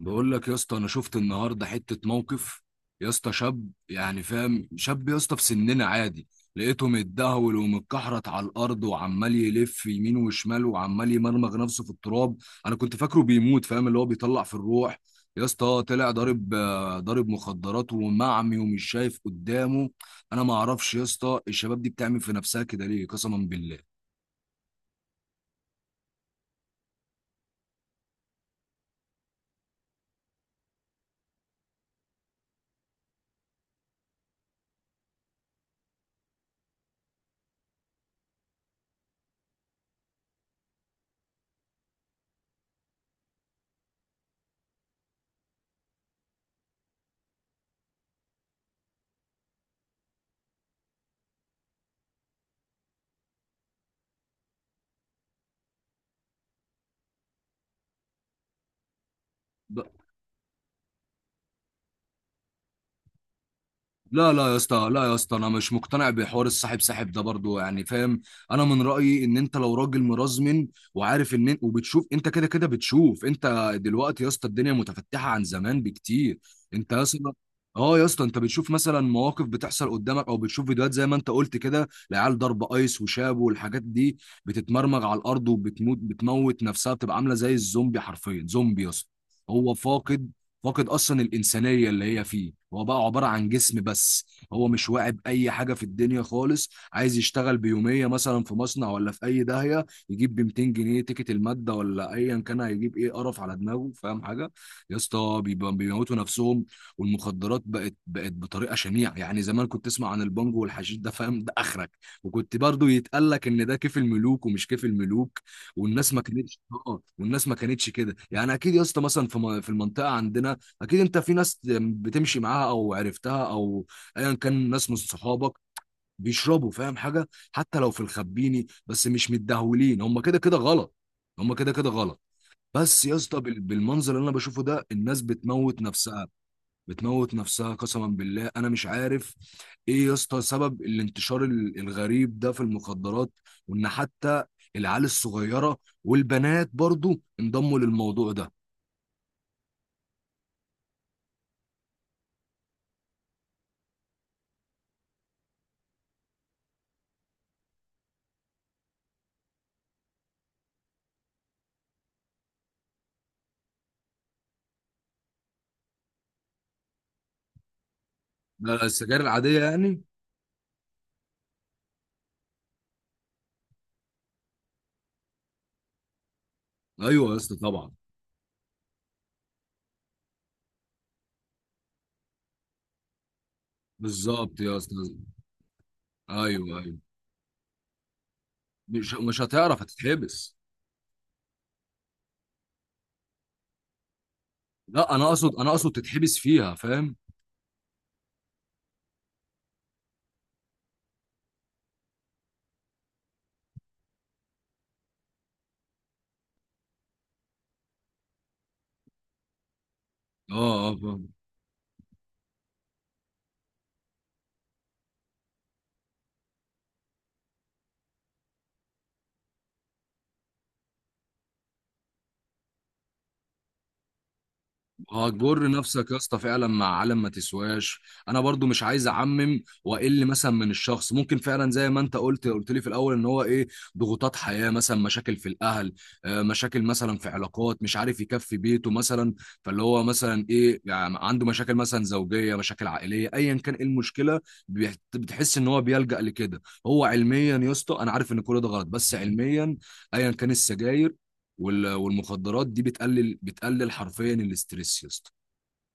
بقول لك يا اسطى، انا شفت النهارده حته موقف يا اسطى. شاب، يعني فاهم، شاب يا اسطى في سننا عادي. لقيته متدهول ومتكحرت على الارض، وعمال يلف يمين وشمال، وعمال يمرمغ نفسه في التراب. انا كنت فاكره بيموت، فاهم؟ اللي هو بيطلع في الروح. يا اسطى طلع ضارب، ضارب مخدرات ومعمي ومش شايف قدامه. انا ما اعرفش يا اسطى الشباب دي بتعمل في نفسها كده ليه، قسما بالله. لا لا يا اسطى، لا يا اسطى، انا مش مقتنع بحوار الصاحب ساحب ده برضو، يعني فاهم. انا من رايي ان انت لو راجل مرزمن وعارف ان، وبتشوف انت كده كده، بتشوف انت دلوقتي يا اسطى الدنيا متفتحه عن زمان بكتير. انت يا اسطى. اه يا اسطى، انت بتشوف مثلا مواقف بتحصل قدامك او بتشوف فيديوهات زي ما انت قلت كده، العيال ضرب ايس وشاب والحاجات دي، بتتمرمغ على الارض وبتموت، بتموت نفسها، بتبقى عامله زي الزومبي، حرفيا زومبي يا اسطى. هو فاقد اصلا الانسانيه اللي هي فيه، هو بقى عباره عن جسم بس. هو مش واعي باي حاجه في الدنيا خالص، عايز يشتغل بيوميه مثلا في مصنع ولا في اي داهيه، يجيب ب 200 جنيه تيكت الماده ولا ايا كان، هيجيب ايه قرف على دماغه، فاهم حاجه؟ يا اسطى، بيموتوا نفسهم. والمخدرات بقت بطريقه شنيعه، يعني زمان كنت تسمع عن البانجو والحشيش ده، فاهم؟ ده اخرك. وكنت برضو يتقال لك ان ده كيف الملوك ومش كيف الملوك، والناس ما كانتش. اه، والناس ما كانتش كده يعني، اكيد يا اسطى مثلا في المنطقه عندنا، اكيد انت في ناس بتمشي معاها او عرفتها، او ايا كان ناس من صحابك بيشربوا، فاهم حاجه؟ حتى لو في الخبيني، بس مش متدهولين، هم كده كده غلط، هم كده كده غلط. بس يا اسطى، بالمنظر اللي انا بشوفه ده، الناس بتموت نفسها، بتموت نفسها قسما بالله، انا مش عارف ايه يا اسطى سبب الانتشار الغريب ده في المخدرات. وان حتى العيال الصغيره والبنات برضو انضموا للموضوع ده. ده السجاير العاديه يعني. ايوه يا اسطى، طبعا. بالظبط يا اسطى، ايوه ايوه، مش هتعرف، هتتحبس. لا، انا اقصد تتحبس فيها، فاهم؟ اه اه، فاهم. هتجر نفسك يا اسطى فعلا مع عالم ما تسواش. انا برضو مش عايز اعمم، واقل مثلا من الشخص ممكن فعلا زي ما انت قلت لي في الاول ان هو ايه، ضغوطات حياه، مثلا مشاكل في الاهل، مشاكل مثلا في علاقات، مش عارف يكفي بيته مثلا، فاللي هو مثلا ايه يعني، عنده مشاكل مثلا زوجيه، مشاكل عائليه، ايا كان ايه المشكله، بتحس ان هو بيلجأ لكده. هو علميا يا اسطى، انا عارف ان كل ده غلط، بس علميا، ايا كان السجاير والمخدرات دي بتقلل حرفيا الاستريس يا اسطى،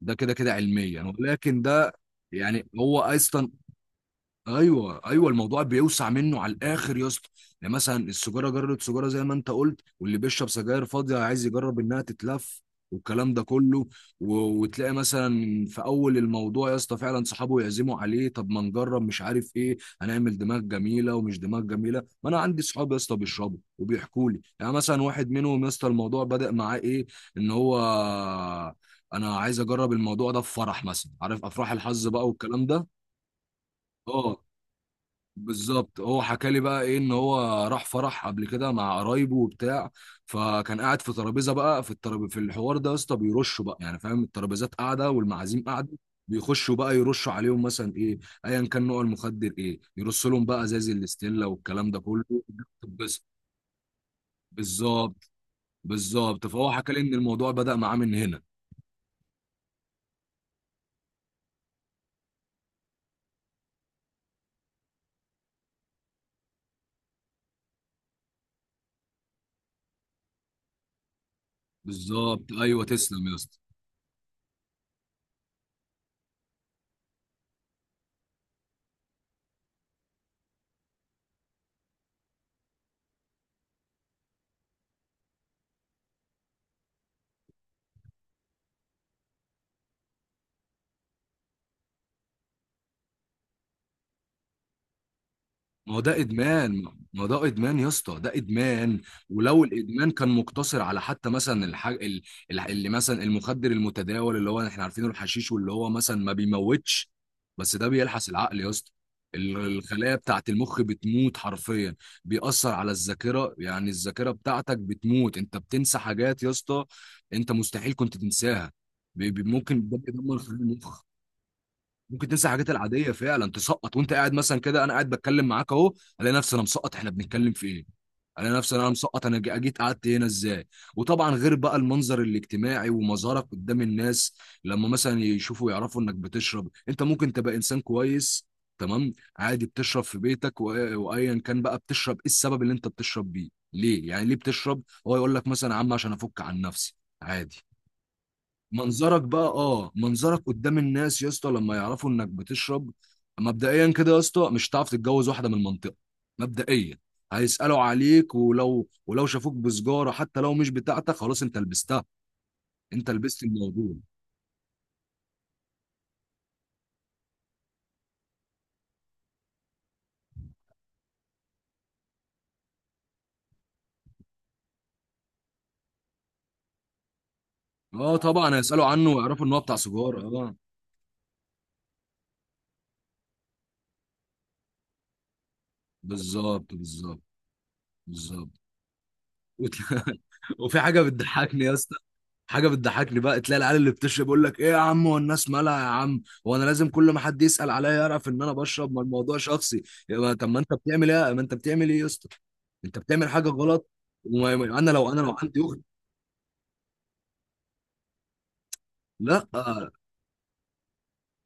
ده كده كده علميا، ولكن ده. يعني هو اصلا، ايوه ايوه، الموضوع بيوسع منه على الاخر يا اسطى. يعني مثلا السجاره، جربت سجاره زي ما انت قلت، واللي بيشرب سجاير فاضيه عايز يجرب انها تتلف والكلام ده كله و... وتلاقي مثلا في اول الموضوع يا اسطى فعلا صحابه يعزموا عليه، طب ما نجرب، مش عارف ايه، هنعمل دماغ جميله ومش دماغ جميله، ما انا عندي صحاب يا اسطى بيشربوا وبيحكوا لي، يعني مثلا واحد منهم يا اسطى الموضوع بدأ معاه ايه، ان هو انا عايز اجرب الموضوع ده في فرح مثلا، عارف افراح الحظ بقى والكلام ده. اه، بالظبط، هو حكى لي بقى ايه، ان هو راح فرح قبل كده مع قرايبه وبتاع، فكان قاعد في ترابيزه بقى، في الترابيزه في الحوار ده يا اسطى بيرشوا بقى، يعني فاهم، الترابيزات قاعده والمعازيم قاعده، بيخشوا بقى يرشوا عليهم مثلا ايه، ايا كان نوع المخدر ايه، يرصوا لهم بقى ازاز الاستيلا والكلام ده كله. بس بالظبط، بالظبط، فهو حكى لي ان الموضوع بدأ معاه من هنا. بالظبط ايوه، تسلم يا اسطى. ما هو ده ادمان، ما هو ده ادمان يا اسطى، ده ادمان. ولو الادمان كان مقتصر على حتى مثلا الحاج اللي مثلا المخدر المتداول اللي هو احنا عارفينه، الحشيش، واللي هو مثلا ما بيموتش، بس ده بيلحس العقل يا اسطى. الخلايا بتاعت المخ بتموت حرفيا. بيأثر على الذاكرة، يعني الذاكرة بتاعتك بتموت، انت بتنسى حاجات يا اسطى انت مستحيل كنت تنساها. ممكن ده بيدمر خلايا المخ. ممكن تنسى الحاجات العاديه فعلا، تسقط وانت قاعد مثلا كده، انا قاعد بتكلم معاك اهو، الاقي نفسي انا مسقط احنا بنتكلم في ايه، الاقي نفسي انا مسقط، انا جيت قعدت هنا ازاي. وطبعا غير بقى المنظر الاجتماعي ومظهرك قدام الناس، لما مثلا يشوفوا يعرفوا انك بتشرب، انت ممكن تبقى انسان كويس، تمام، عادي بتشرب في بيتك، وايا كان بقى، بتشرب ايه السبب اللي انت بتشرب بيه؟ ليه يعني ليه بتشرب؟ هو يقول لك مثلا يا عم عشان افك عن نفسي، عادي. منظرك بقى، اه منظرك قدام الناس يا اسطى، لما يعرفوا انك بتشرب، مبدئيا كده يا اسطى مش هتعرف تتجوز واحده من المنطقه، مبدئيا، هيسالوا عليك، ولو شافوك بسجاره حتى لو مش بتاعتك، خلاص، انت لبستها، انت لبست الموضوع. اه طبعا، هيسالوا عنه ويعرفوا ان هو بتاع سجاره، اه. بالظبط، بالظبط، بالظبط. وفي حاجه بتضحكني يا اسطى، حاجه بتضحكني بقى، تلاقي العيال اللي بتشرب يقول لك ايه يا عم، هو الناس مالها يا عم، هو انا لازم كل ما حد يسال عليا يعرف ان انا بشرب؟ ما الموضوع شخصي. يبقى طب ما انت بتعمل ايه، ما انت بتعمل ايه يا اسطى؟ انت بتعمل حاجه غلط. انا لو عندي اخت. لا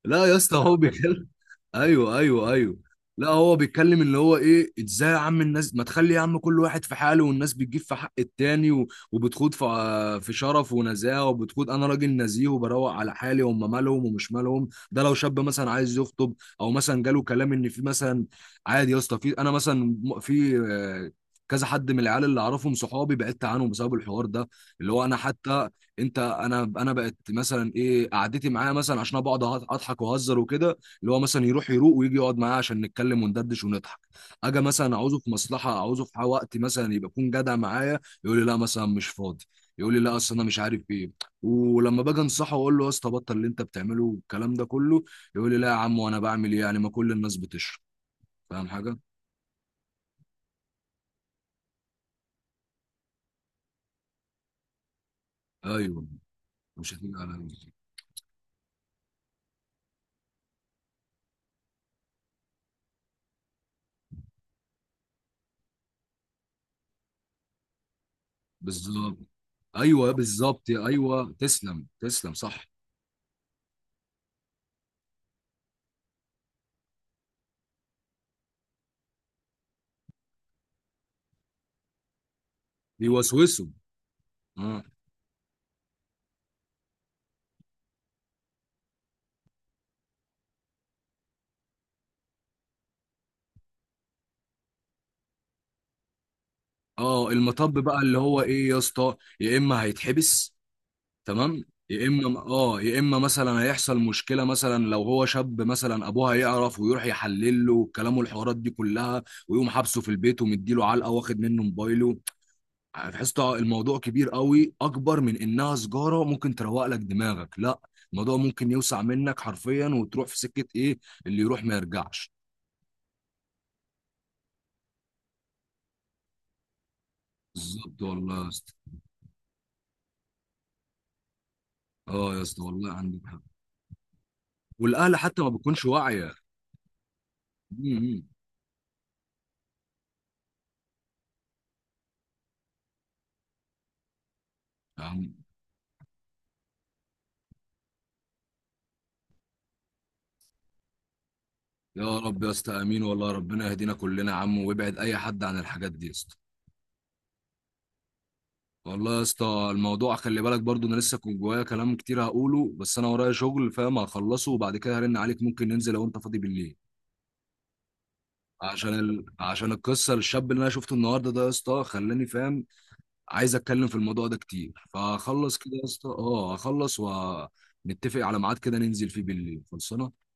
لا يا اسطى، هو بيتكلم، ايوه ايوه ايوه. لا، هو بيتكلم، اللي هو ايه، ازاي يا عم الناس ما تخلي، يا عم كل واحد في حاله، والناس بتجيب في حق التاني وبتخوض في في شرف ونزاهه، وبتخوض، انا راجل نزيه وبروق على حالي، هم مالهم ومش مالهم، ده لو شاب مثلا عايز يخطب او مثلا جاله كلام ان في مثلا، عادي يا اسطى، في انا مثلا في كذا حد من العيال اللي اعرفهم صحابي بعدت عنهم بسبب الحوار ده، اللي هو انا حتى، انت انا بقت مثلا ايه، قعدتي معاه مثلا عشان انا بقعد اضحك واهزر وكده، اللي هو مثلا يروح يروق ويجي يقعد معاه عشان نتكلم وندردش ونضحك. اجي مثلا عاوزه في مصلحه، عاوزه في وقت مثلا يبقى يكون جدع معايا، يقول لي لا مثلا مش فاضي، يقول لي لا اصل انا مش عارف ايه. ولما باجي انصحه واقول له يا اسطى بطل اللي انت بتعمله والكلام ده كله، يقول لي لا يا عم، وانا بعمل ايه يعني؟ ما كل الناس بتشرب، فاهم حاجه؟ ايوه، مش هتيجي على نفسي. بالظبط ايوه، بالظبط ايوه، تسلم، تسلم، صح. بيوسوسه، اه. اه، المطب بقى اللي هو ايه يا اسطى، يا اما هيتحبس، تمام، يا اما، اه، يا اما مثلا هيحصل مشكله، مثلا لو هو شاب مثلا ابوه هيعرف ويروح يحلل له كلامه، الحوارات دي كلها، ويقوم حابسه في البيت ومديله علقه واخد منه موبايله، تحس الموضوع كبير قوي، اكبر من انها سجاره ممكن تروق لك دماغك، لا، الموضوع ممكن يوسع منك حرفيا، وتروح في سكه ايه، اللي يروح ما يرجعش. بالظبط والله يا اسطى، اه يا اسطى والله عندك حق. والاهل حتى ما بتكونش واعيه. مم. يا عم، يا رب يا اسطى امين، والله ربنا يهدينا كلنا يا عم، ويبعد اي حد عن الحاجات دي يا اسطى، والله يا اسطى. الموضوع خلي بالك برضو، انا لسه كنت جوايا كلام كتير هقوله، بس انا ورايا شغل، فاهم، هخلصه وبعد كده هرن عليك، ممكن ننزل لو انت فاضي بالليل، عشان عشان القصه، الشاب اللي انا شفته النهارده ده يا اسطى خلاني، فاهم، عايز اتكلم في الموضوع ده كتير، فهخلص كده يا اسطى، اه هخلص ونتفق على ميعاد كده ننزل فيه بالليل، خلصانه.